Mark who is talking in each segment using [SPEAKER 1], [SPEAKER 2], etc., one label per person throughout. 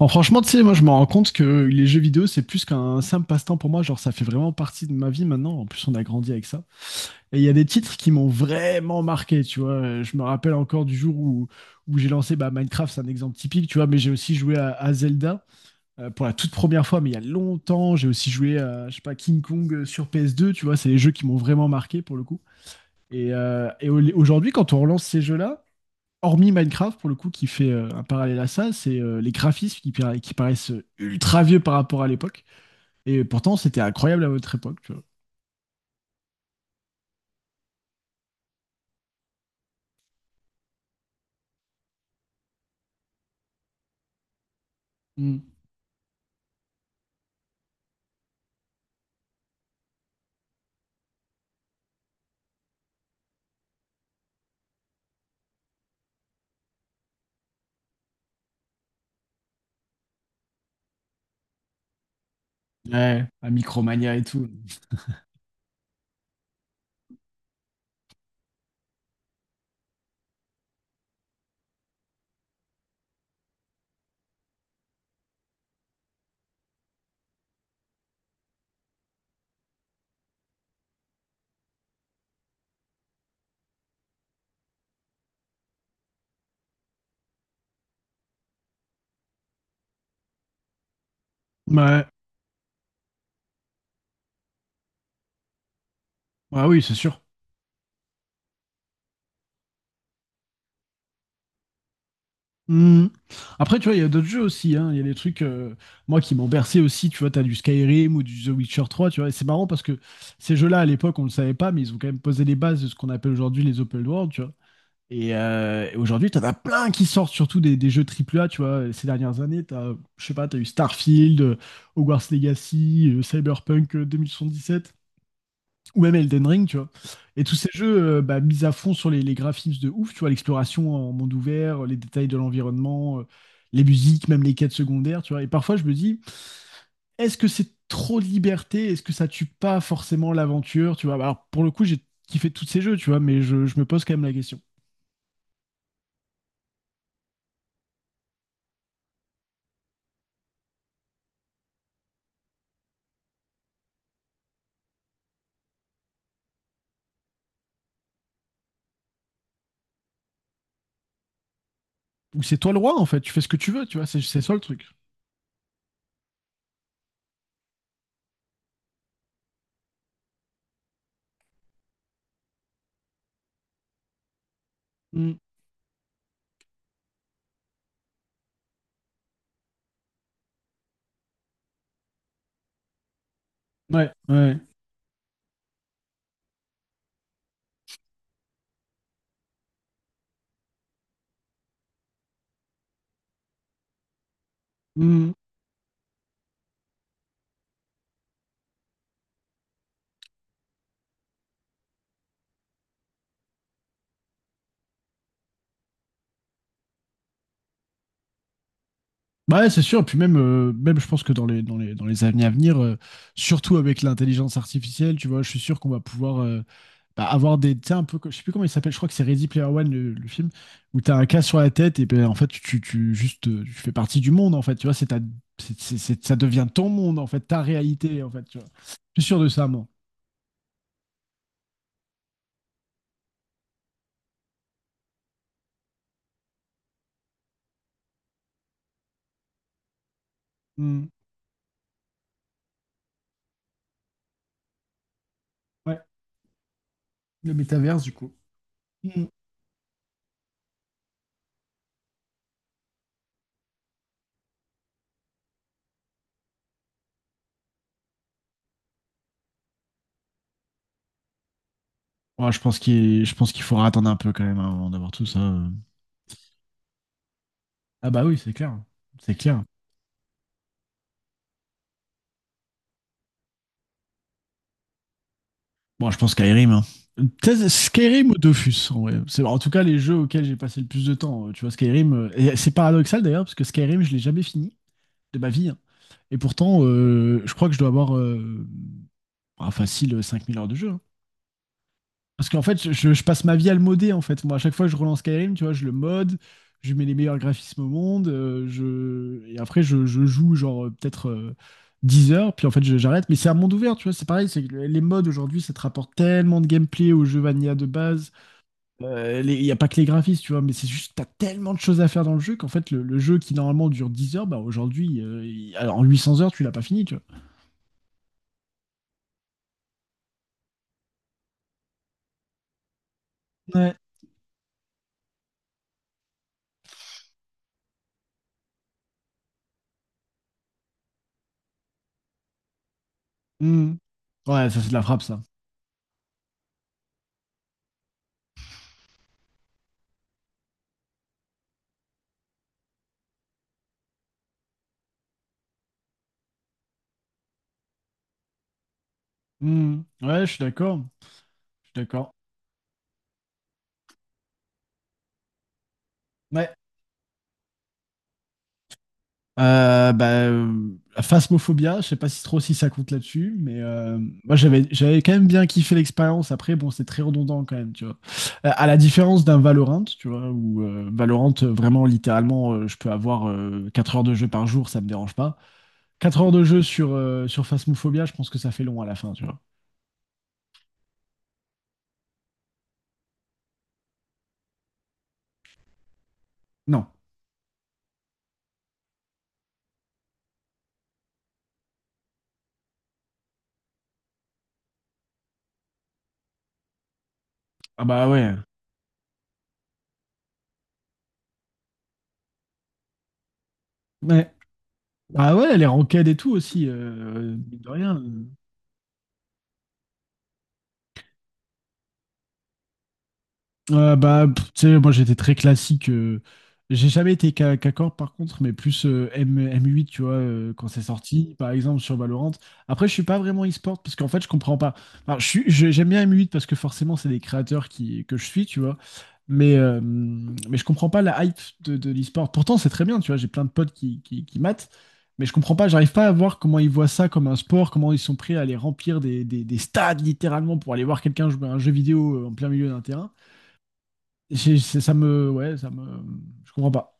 [SPEAKER 1] Bon, franchement, tu sais, moi, je me rends compte que les jeux vidéo, c'est plus qu'un simple passe-temps pour moi. Genre, ça fait vraiment partie de ma vie maintenant. En plus, on a grandi avec ça. Et il y a des titres qui m'ont vraiment marqué, tu vois. Je me rappelle encore du jour où j'ai lancé Minecraft. C'est un exemple typique, tu vois. Mais j'ai aussi joué à Zelda pour la toute première fois, mais il y a longtemps. J'ai aussi joué à, je sais pas, King Kong sur PS2, tu vois. C'est les jeux qui m'ont vraiment marqué pour le coup. Et aujourd'hui, quand on relance ces jeux-là, hormis Minecraft, pour le coup, qui fait un parallèle à ça, c'est les graphismes qui qui paraissent ultra vieux par rapport à l'époque. Et pourtant, c'était incroyable à votre époque, tu vois. Mm. Ouais, à Micromania et tout. Ouais, ouais oui, c'est sûr. Mm. Après, tu vois, il y a d'autres jeux aussi, hein. Il y a des trucs, moi, qui m'ont bercé aussi. Tu vois, t'as du Skyrim ou du The Witcher 3, tu vois. Et c'est marrant parce que ces jeux-là, à l'époque, on ne le savait pas, mais ils ont quand même posé les bases de ce qu'on appelle aujourd'hui les open world, tu vois. Et aujourd'hui, t'en as plein qui sortent, surtout des jeux triple A, tu vois, ces dernières années. T'as, je sais pas, t'as eu Starfield, Hogwarts Legacy, Cyberpunk sept ou même Elden Ring, tu vois. Et tous ces jeux mis à fond sur les graphismes de ouf, tu vois, l'exploration en monde ouvert, les détails de l'environnement, les musiques, même les quêtes secondaires, tu vois. Et parfois, je me dis, est-ce que c'est trop de liberté? Est-ce que ça tue pas forcément l'aventure, tu vois? Alors, pour le coup, j'ai kiffé tous ces jeux, tu vois, mais je me pose quand même la question. Où c'est toi le roi en fait, tu fais ce que tu veux, tu vois, c'est ça le truc. Mm. Ouais, ouais. Mm. Bah ouais, c'est sûr. Et puis même, je pense que dans les années à venir, surtout avec l'intelligence artificielle, tu vois, je suis sûr qu'on va pouvoir avoir des, tu sais, un peu, je sais plus comment il s'appelle, je crois que c'est Ready Player One, le film, où t'as un cas sur la tête et ben en fait, tu juste, tu fais partie du monde en fait, tu vois, c'est ta, c'est- ça devient ton monde en fait, ta réalité en fait, tu vois. Je suis sûr de ça, moi. Mm. Ouais, le métaverse du coup. Mm. Ouais, je pense qu'il faudra attendre un peu quand même, hein, avant d'avoir tout ça. Ah bah oui, c'est clair. C'est clair. Bon, je pense Skyrim, hein. Peut-être Skyrim ou Dofus, en vrai. C'est en tout cas les jeux auxquels j'ai passé le plus de temps. Tu vois, Skyrim, et c'est paradoxal d'ailleurs, parce que Skyrim, je l'ai jamais fini de ma vie, hein. Et pourtant, je crois que je dois avoir facile 5 000 heures de jeu, hein. Parce qu'en fait, je passe ma vie à le modder, en fait. Moi, à chaque fois que je relance Skyrim, tu vois, je le mode, je lui mets les meilleurs graphismes au monde, je... et après, je joue, genre, peut-être 10 heures, puis en fait, j'arrête. Mais c'est un monde ouvert, tu vois, c'est pareil, c'est que les mods, aujourd'hui, ça te rapporte tellement de gameplay au jeu vanilla de base. Il n'y a pas que les graphismes, tu vois, mais c'est juste, t'as tellement de choses à faire dans le jeu qu'en fait, le jeu qui, normalement, dure 10 heures, bah, aujourd'hui, alors, en 800 heures, tu l'as pas fini, tu vois. Ouais. Mm. Ouais, ça, c'est de la frappe, ça. Mm. Ouais, je suis d'accord. Je suis d'accord. Ouais. Euh, bah, euh, Phasmophobia, je sais pas si trop si ça compte là-dessus, mais moi j'avais quand même bien kiffé l'expérience. Après, bon, c'est très redondant quand même, tu vois. À la différence d'un Valorant, tu vois, où Valorant, vraiment, littéralement, je peux avoir 4 heures de jeu par jour, ça me dérange pas. 4 heures de jeu sur Phasmophobia, je pense que ça fait long à la fin, tu vois. Non. Ah bah ouais. Ouais. Ah ouais, les ranked et tout aussi, mine de rien. Pff, tu sais, moi j'étais très classique. J'ai jamais été qu'à par contre, mais plus M8, tu vois, quand c'est sorti, par exemple sur Valorant. Après, je suis pas vraiment e-sport parce qu'en fait, je comprends pas. Enfin, j'aime bien M8 parce que forcément, c'est des créateurs que je suis, tu vois. Mais je comprends pas la hype de l'e-sport. Pourtant, c'est très bien, tu vois, j'ai plein de potes qui matent, mais je comprends pas, j'arrive pas à voir comment ils voient ça comme un sport, comment ils sont prêts à aller remplir des stades littéralement pour aller voir quelqu'un jouer à un jeu vidéo en plein milieu d'un terrain. Ça me, ouais, je comprends pas.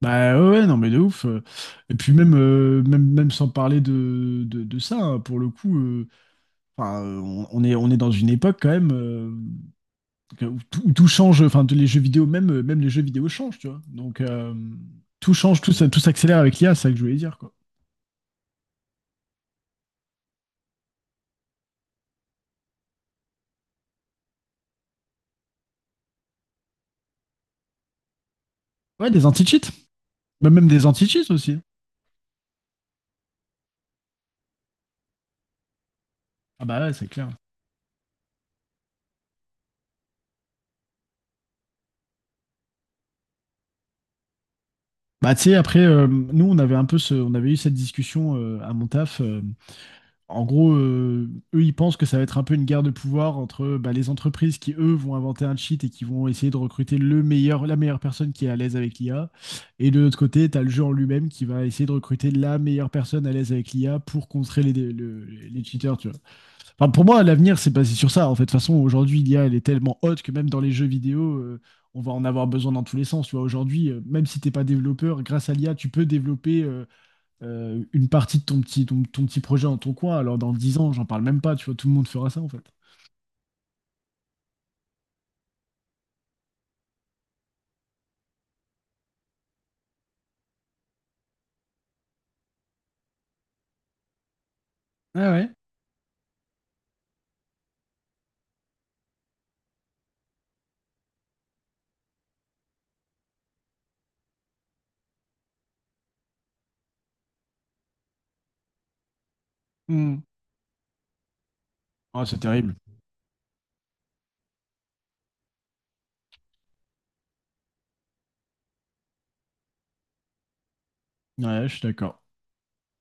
[SPEAKER 1] Bah ouais, ouais, non mais de ouf. Et puis même, même sans parler de ça, hein, pour le coup, enfin, on est dans une époque quand même où tout change. Enfin, tous les jeux vidéo, même les jeux vidéo changent, tu vois. Donc tout change, tout s'accélère avec l'IA, c'est ça que je voulais dire, quoi. Ouais, des anti-cheats, même des anti-cheats aussi, hein. Ah bah ouais, c'est clair. Bah tu sais, après, nous, on avait un peu, on avait eu cette discussion à mon taf. En gros, eux, ils pensent que ça va être un peu une guerre de pouvoir entre les entreprises qui, eux, vont inventer un cheat et qui vont essayer de recruter la meilleure personne qui est à l'aise avec l'IA. Et de l'autre côté, tu as le jeu en lui-même qui va essayer de recruter la meilleure personne à l'aise avec l'IA pour contrer les cheaters, tu vois. Enfin, pour moi, l'avenir, c'est basé sur ça. En fait, de toute façon, aujourd'hui, l'IA, elle est tellement haute que même dans les jeux vidéo, on va en avoir besoin dans tous les sens. Tu vois, aujourd'hui, même si t'es pas développeur, grâce à l'IA, tu peux développer... une partie de ton petit projet en ton coin, alors dans 10 ans, j'en parle même pas, tu vois, tout le monde fera ça en fait. Ah ouais. Hmm. Ah, c'est terrible. Ouais, je suis d'accord.